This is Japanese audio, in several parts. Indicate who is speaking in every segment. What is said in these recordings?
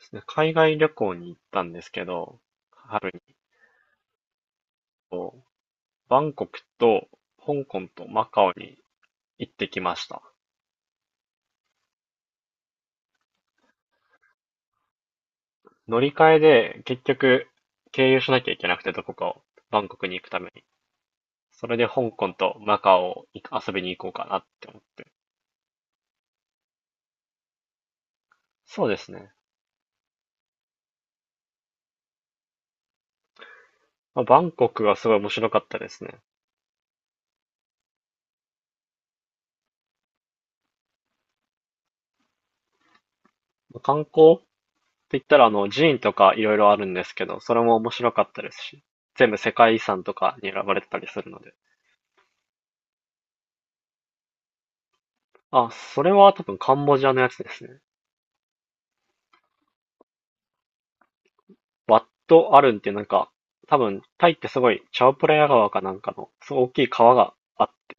Speaker 1: ですね、海外旅行に行ったんですけど、春にこう、バンコクと香港とマカオに行ってきました。乗り換えで結局経由しなきゃいけなくてどこかを、バンコクに行くために。それで香港とマカオを行く遊びに行こうかなって思って。そうですね。まあ、バンコクはすごい面白かったですね。まあ観光って言ったらあの寺院とかいろいろあるんですけど、それも面白かったですし、全部世界遺産とかに選ばれてたりするので。あ、それは多分カンボジアのやつですね。ワット・アルンっていうなんか、多分タイってすごいチャオプラヤ川かなんかの、すごい大きい川があって、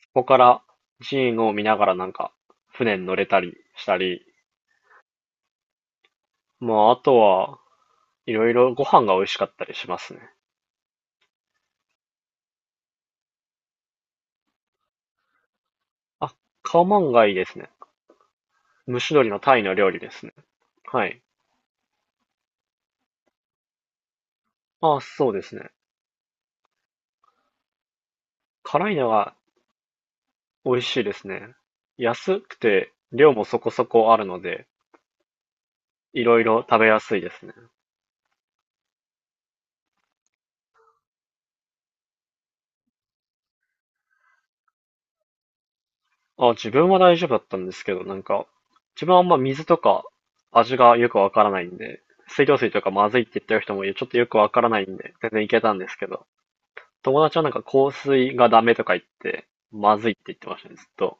Speaker 1: そこから寺院を見ながらなんか船に乗れたりしたり、まああとはいろいろご飯が美味しかったりしますね。あ、カオマンガイですね。蒸し鶏のタイの料理ですね。はい。あ、そうですね。辛いのが美味しいですね。安くて量もそこそこあるので、いろいろ食べやすいですね。あ、自分は大丈夫だったんですけど、なんか、自分はあんま水とか味がよくわからないんで、水道水とかまずいって言ってる人もいる、ちょっとよくわからないんで、全然いけたんですけど、友達はなんか香水がダメとか言って、まずいって言ってましたね、ずっと。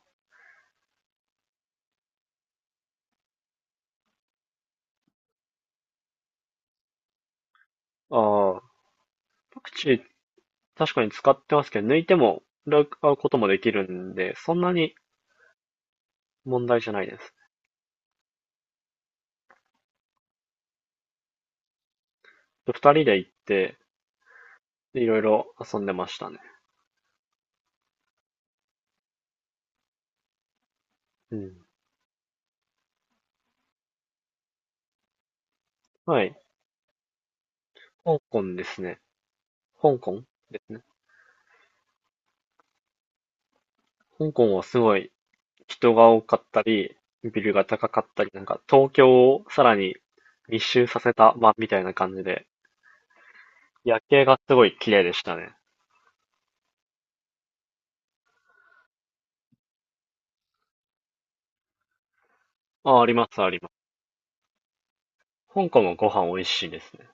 Speaker 1: ああ、パクチー確かに使ってますけど、抜いても、使うこともできるんで、そんなに問題じゃないです。二人で行って、いろいろ遊んでましたね。うん。はい。香港ですね。香港ですね。香港はすごい人が多かったり、ビルが高かったり、なんか東京をさらに密集させた場みたいな感じで、夜景がすごい綺麗でしたね。あ、ありますあります。香港もご飯美味しいですね。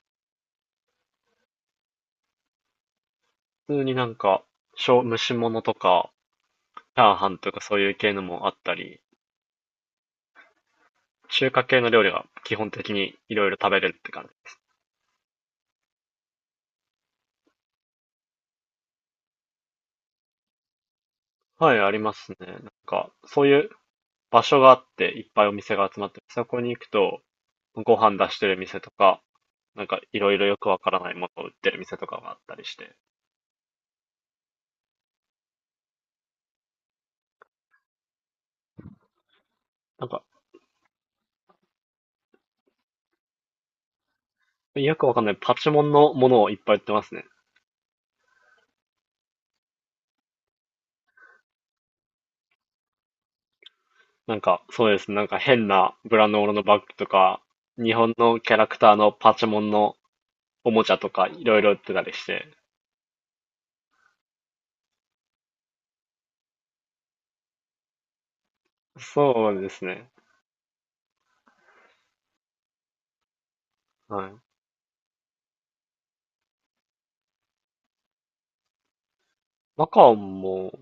Speaker 1: 普通になんか、小蒸し物とか、チャーハンとかそういう系のもあったり、中華系の料理が基本的にいろいろ食べれるって感じ。はい、ありますね。なんか、そういう場所があって、いっぱいお店が集まって、そこに行くと、ご飯出してる店とか、なんかいろいろよくわからないものを売ってる店とかがあったりして、なんかよくわかんないパチモンのものをいっぱい売ってますね。なんかそうですね、なんか変なブランドもののバッグとか、日本のキャラクターのパチモンのおもちゃとかいろいろ売ってたりして、そうですね。はい。マカオも、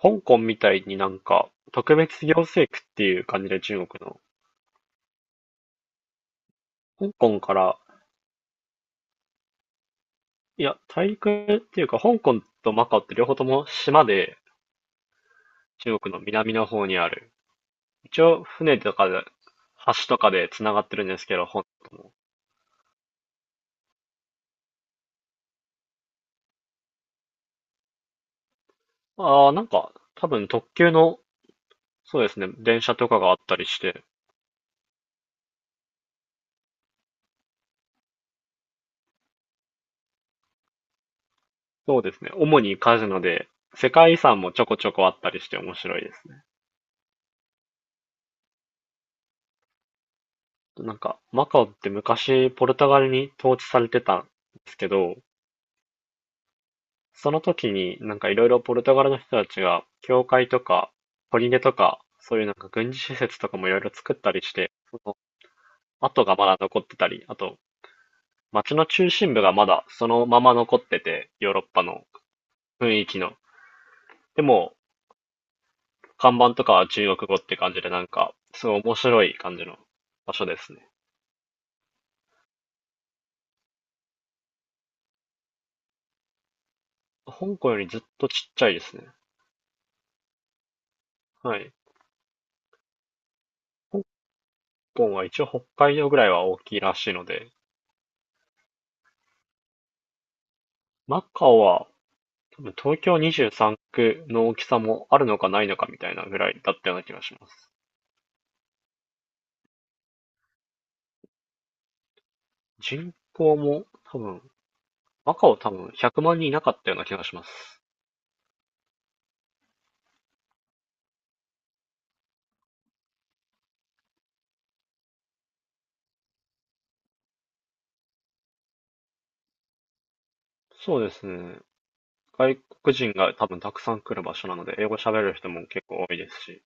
Speaker 1: 香港みたいになんか特別行政区っていう感じで中国の、香港から、いや、大陸っていうか香港とマカオって両方とも島で中国の南の方にある、一応、船とかで、橋とかで繋がってるんですけど、本当も。ああ、なんか、多分特急の、そうですね、電車とかがあったりして、そうですね、主にカジノで、世界遺産もちょこちょこあったりして面白いですね。なんか、マカオって昔ポルトガルに統治されてたんですけど、その時になんかいろいろポルトガルの人たちが、教会とか、砦とか、そういうなんか軍事施設とかもいろいろ作ったりして、その跡がまだ残ってたり、あと街の中心部がまだそのまま残ってて、ヨーロッパの雰囲気の。でも、看板とかは中国語って感じで、なんか、すごい面白い感じの場所ですね。香港よりずっとちっちゃいですね。はい。香港は一応北海道ぐらいは大きいらしいので、マカオは多分東京23区の大きさもあるのかないのかみたいなぐらいだったような気がします。人口も多分、マカオ多分100万人いなかったような気がします。そうですね。外国人が多分たくさん来る場所なので、英語喋れる人も結構多いですし、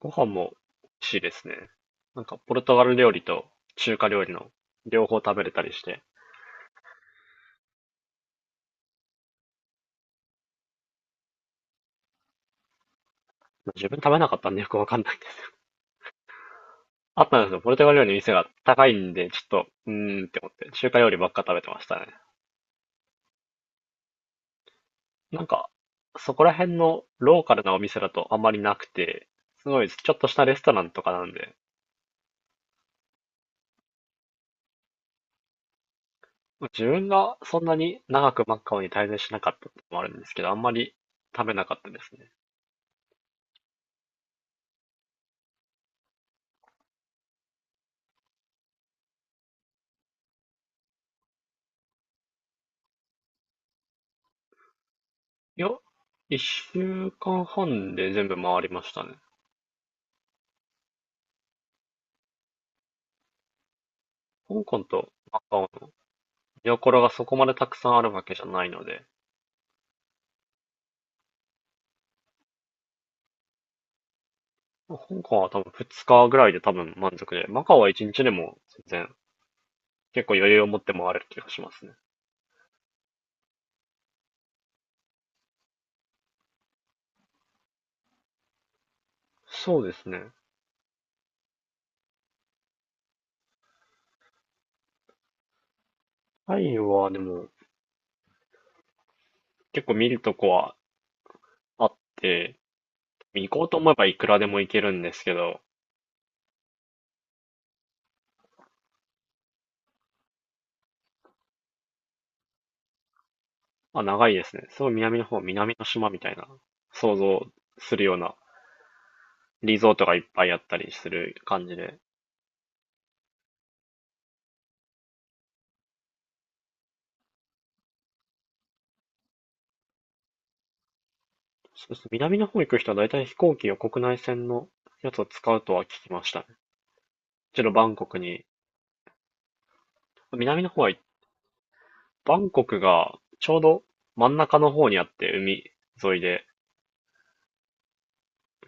Speaker 1: ご飯も美味しいですね。なんか、ポルトガル料理と中華料理の両方食べれたりして、自分食べなかったんでよくわかんないです。あったんですよ。ポルトガル料理の店が高いんで、ちょっと、うーんって思って、中華料理ばっか食べてましたね。なんか、そこら辺のローカルなお店だとあんまりなくて、すごい、ちょっとしたレストランとかなんで、まあ自分がそんなに長くマッカオに滞在しなかったってのもあるんですけど、あんまり食べなかったですね。いや、一週間半で全部回りましたね。香港とマカオの見どころがそこまでたくさんあるわけじゃないので、まあ香港は多分2日ぐらいで多分満足で、マカオは1日でも全然結構余裕を持って回れる気がしますね。そうですね。タイはでも結構見るとこはあって、行こうと思えばいくらでも行けるんですけど、あ、長いですね。すごい南の方、南の島みたいな、想像するような、リゾートがいっぱいあったりする感じで。そうですね。南の方行く人は大体飛行機を国内線のやつを使うとは聞きましたね。一度バンコクに。南の方は、バンコクがちょうど真ん中の方にあって、海沿いで、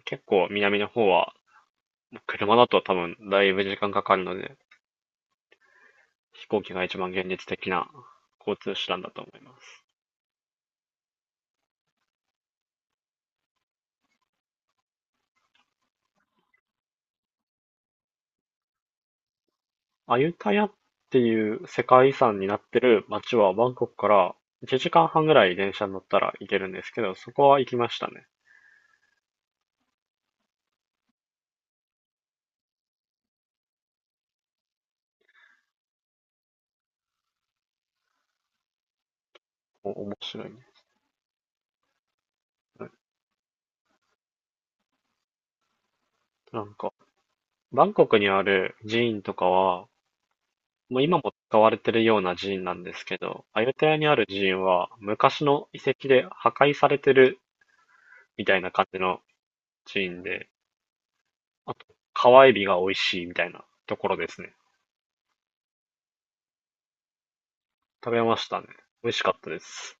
Speaker 1: 結構南の方は、車だと多分だいぶ時間かかるので、飛行機が一番現実的な交通手段だと思います。アユタヤっていう世界遺産になってる街はバンコクから1時間半ぐらい電車に乗ったら行けるんですけど、そこは行きましたね。お、面白いね。うんなんか、バンコクにある寺院とかは、もう今も使われてるような寺院なんですけど、アユタヤにある寺院は昔の遺跡で破壊されてるみたいな感じの寺院で、あと、川エビが美味しいみたいなところですね。食べましたね。美味しかったです。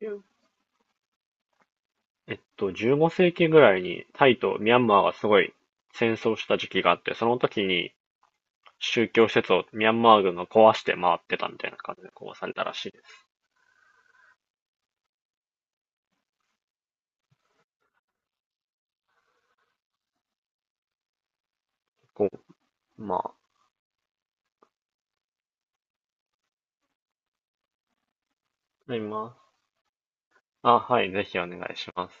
Speaker 1: いや15世紀ぐらいにタイとミャンマーがすごい戦争した時期があって、その時に宗教施設をミャンマー軍が壊して回ってたみたいな感じで壊されたらしいです。こう、まあ、今、あ、はい、ぜひお願いします。